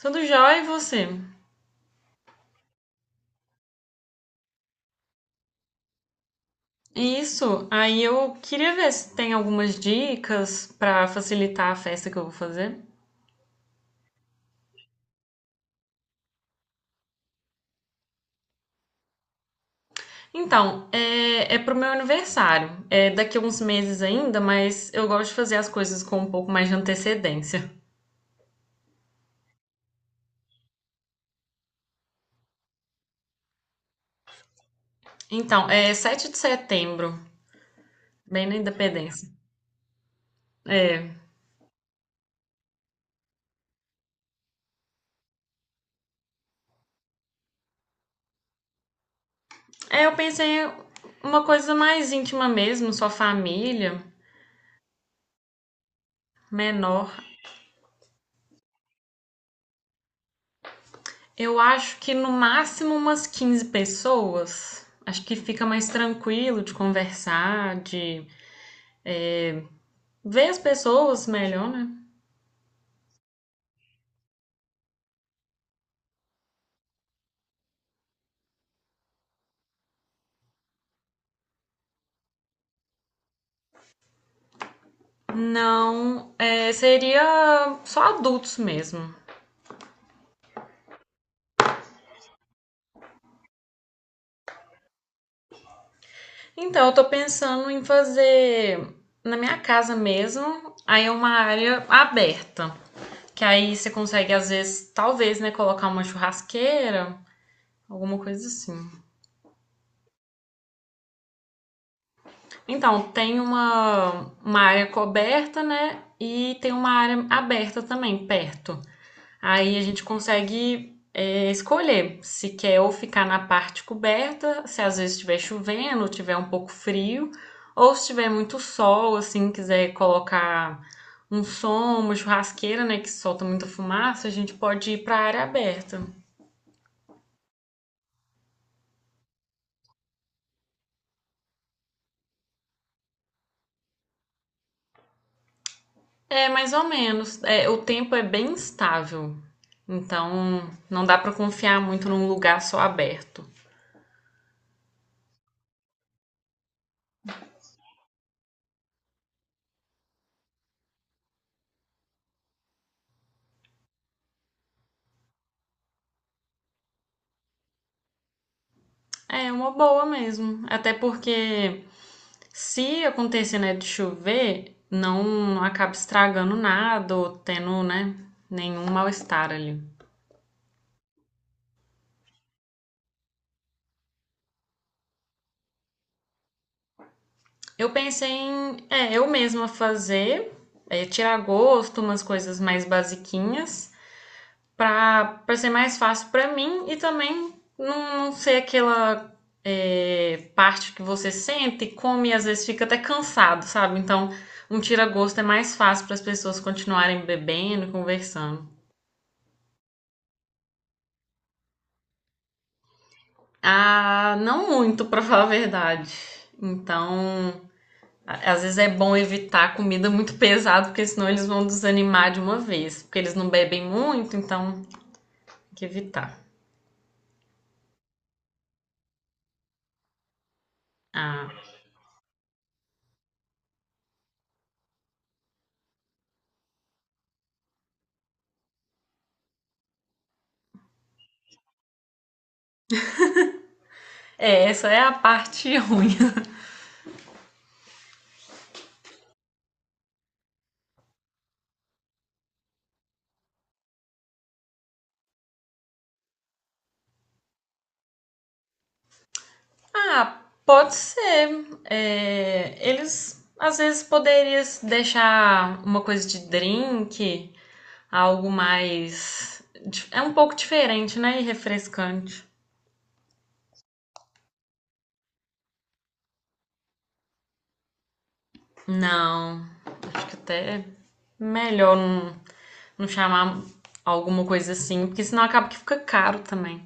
Tudo jóia e você? Isso, aí eu queria ver se tem algumas dicas para facilitar a festa que eu vou fazer. Então, é pro meu aniversário. É daqui a uns meses ainda, mas eu gosto de fazer as coisas com um pouco mais de antecedência. Então, é 7 de setembro, bem na Independência. É, é, eu pensei uma coisa mais íntima mesmo, só família, menor. Eu acho que no máximo umas 15 pessoas. Acho que fica mais tranquilo de conversar, de ver as pessoas melhor, né? Não, é, seria só adultos mesmo. Então, eu tô pensando em fazer na minha casa mesmo, aí é uma área aberta. Que aí você consegue, às vezes, talvez, né, colocar uma churrasqueira, alguma coisa assim. Então, tem uma área coberta, né? E tem uma área aberta também, perto. Aí a gente consegue escolher se quer ou ficar na parte coberta, se às vezes estiver chovendo, tiver um pouco frio, ou se tiver muito sol, assim, quiser colocar um som, uma churrasqueira, né, que solta muita fumaça, a gente pode ir para a área aberta. É, mais ou menos. É, o tempo é bem instável, então não dá pra confiar muito num lugar só aberto. É uma boa mesmo, até porque se acontecer, né, de chover, não acaba estragando nada ou tendo, né, nenhum mal-estar ali. Eu pensei em, eu mesma fazer, tirar gosto, umas coisas mais basiquinhas. Para ser mais fácil para mim e também não ser aquela parte que você sente, e come e às vezes fica até cansado, sabe? Então, um tira-gosto é mais fácil para as pessoas continuarem bebendo, conversando. Ah, não muito, para falar a verdade. Então, às vezes é bom evitar comida muito pesada, porque senão eles vão desanimar de uma vez. Porque eles não bebem muito, então tem que evitar. Ah, é, essa é a parte ruim. Ah, pode ser. É, eles às vezes poderiam deixar uma coisa de drink, algo mais. É um pouco diferente, né? E refrescante. Não, acho que até melhor não chamar alguma coisa assim, porque senão acaba que fica caro também.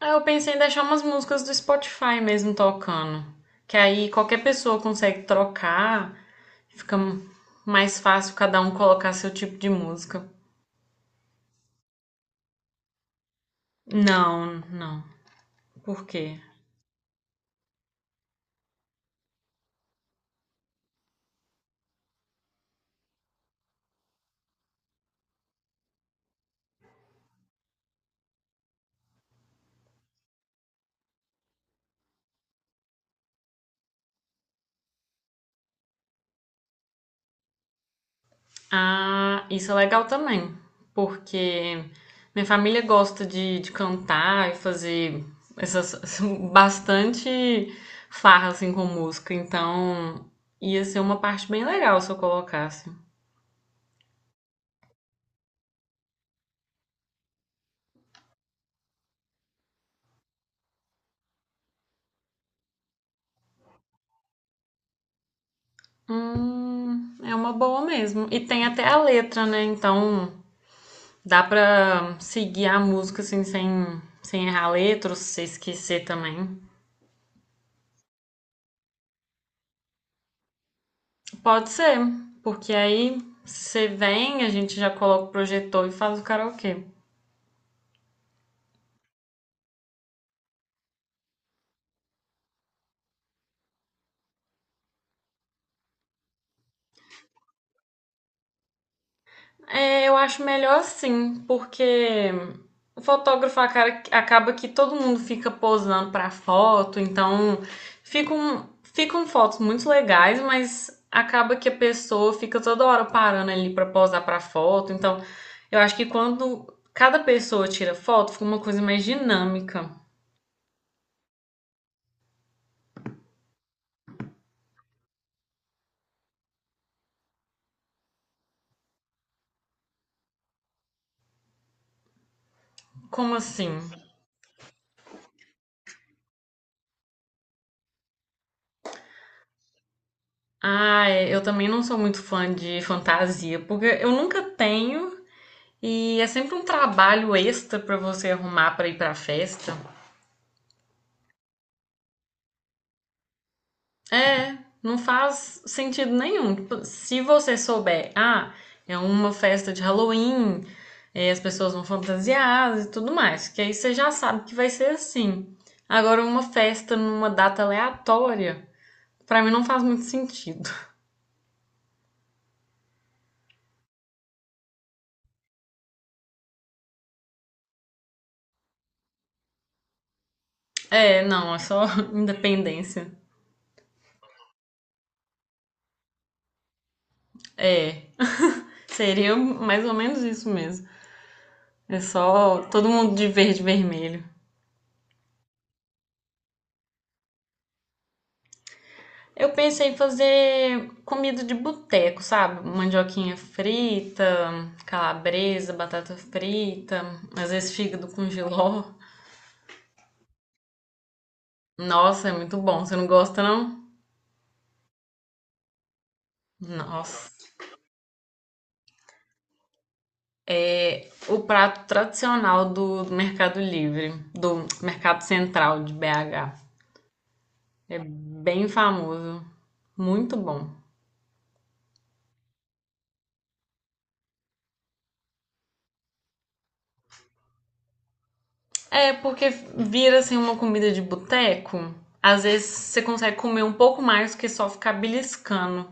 Ah, eu pensei em deixar umas músicas do Spotify mesmo tocando, que aí qualquer pessoa consegue trocar, fica mais fácil cada um colocar seu tipo de música. Não, não. Por quê? Ah, isso é legal também, porque minha família gosta de cantar e fazer essas bastante farra assim com música, então ia ser uma parte bem legal se eu colocasse. É uma boa mesmo. E tem até a letra, né? Então dá pra seguir a música assim sem errar a letra, ou se você esquecer também. Pode ser, porque aí você vem, a gente já coloca o projetor e faz o karaokê. É, eu acho melhor assim, porque o fotógrafo acaba que todo mundo fica posando pra foto, então ficam fotos muito legais, mas acaba que a pessoa fica toda hora parando ali pra posar pra foto. Então, eu acho que quando cada pessoa tira foto, fica uma coisa mais dinâmica. Como assim? Ah, é, eu também não sou muito fã de fantasia, porque eu nunca tenho. E é sempre um trabalho extra pra você arrumar pra ir pra festa. É, não faz sentido nenhum. Tipo, se você souber, ah, é uma festa de Halloween, é, as pessoas vão fantasiadas e tudo mais, que aí você já sabe que vai ser assim. Agora, uma festa numa data aleatória, pra mim não faz muito sentido. É, não, é só independência. É, seria mais ou menos isso mesmo. É só todo mundo de verde e vermelho. Eu pensei em fazer comida de boteco, sabe? Mandioquinha frita, calabresa, batata frita, às vezes fígado com jiló. Nossa, é muito bom. Você não gosta, não? Nossa. O prato tradicional do Mercado Livre, do Mercado Central de BH. É bem famoso. Muito bom. É, porque vira assim uma comida de boteco. Às vezes você consegue comer um pouco mais do que só ficar beliscando.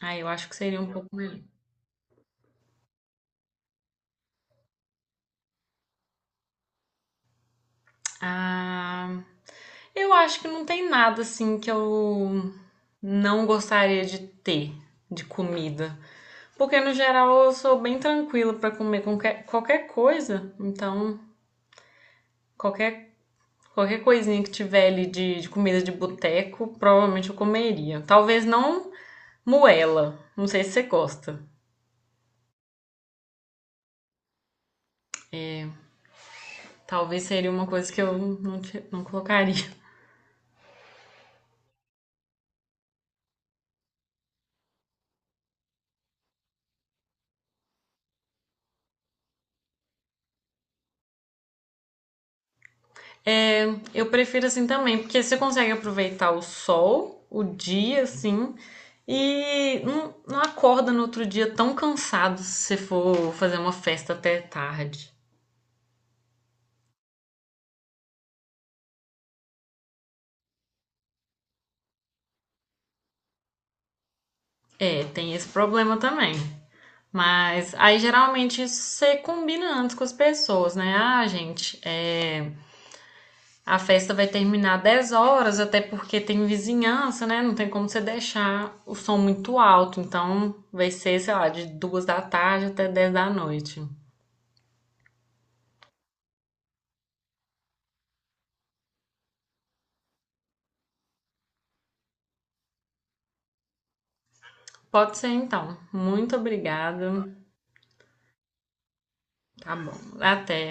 Ah, eu acho que seria um pouco melhor. Ah, eu acho que não tem nada assim que eu não gostaria de ter de comida. Porque no geral eu sou bem tranquila pra comer qualquer coisa. Então, qualquer, qualquer coisinha que tiver ali de comida de boteco, provavelmente eu comeria. Talvez não moela. Não sei se você gosta. Talvez seria uma coisa que eu não colocaria. É, eu prefiro assim também, porque você consegue aproveitar o sol, o dia, assim, e não acorda no outro dia tão cansado se você for fazer uma festa até tarde. É, tem esse problema também. Mas aí geralmente você combina antes com as pessoas, né? Ah, gente, é, a festa vai terminar 10 horas, até porque tem vizinhança, né? Não tem como você deixar o som muito alto. Então, vai ser, sei lá, de 2 da tarde até 10 da noite. Pode ser então. Muito obrigada. Tá bom. Até.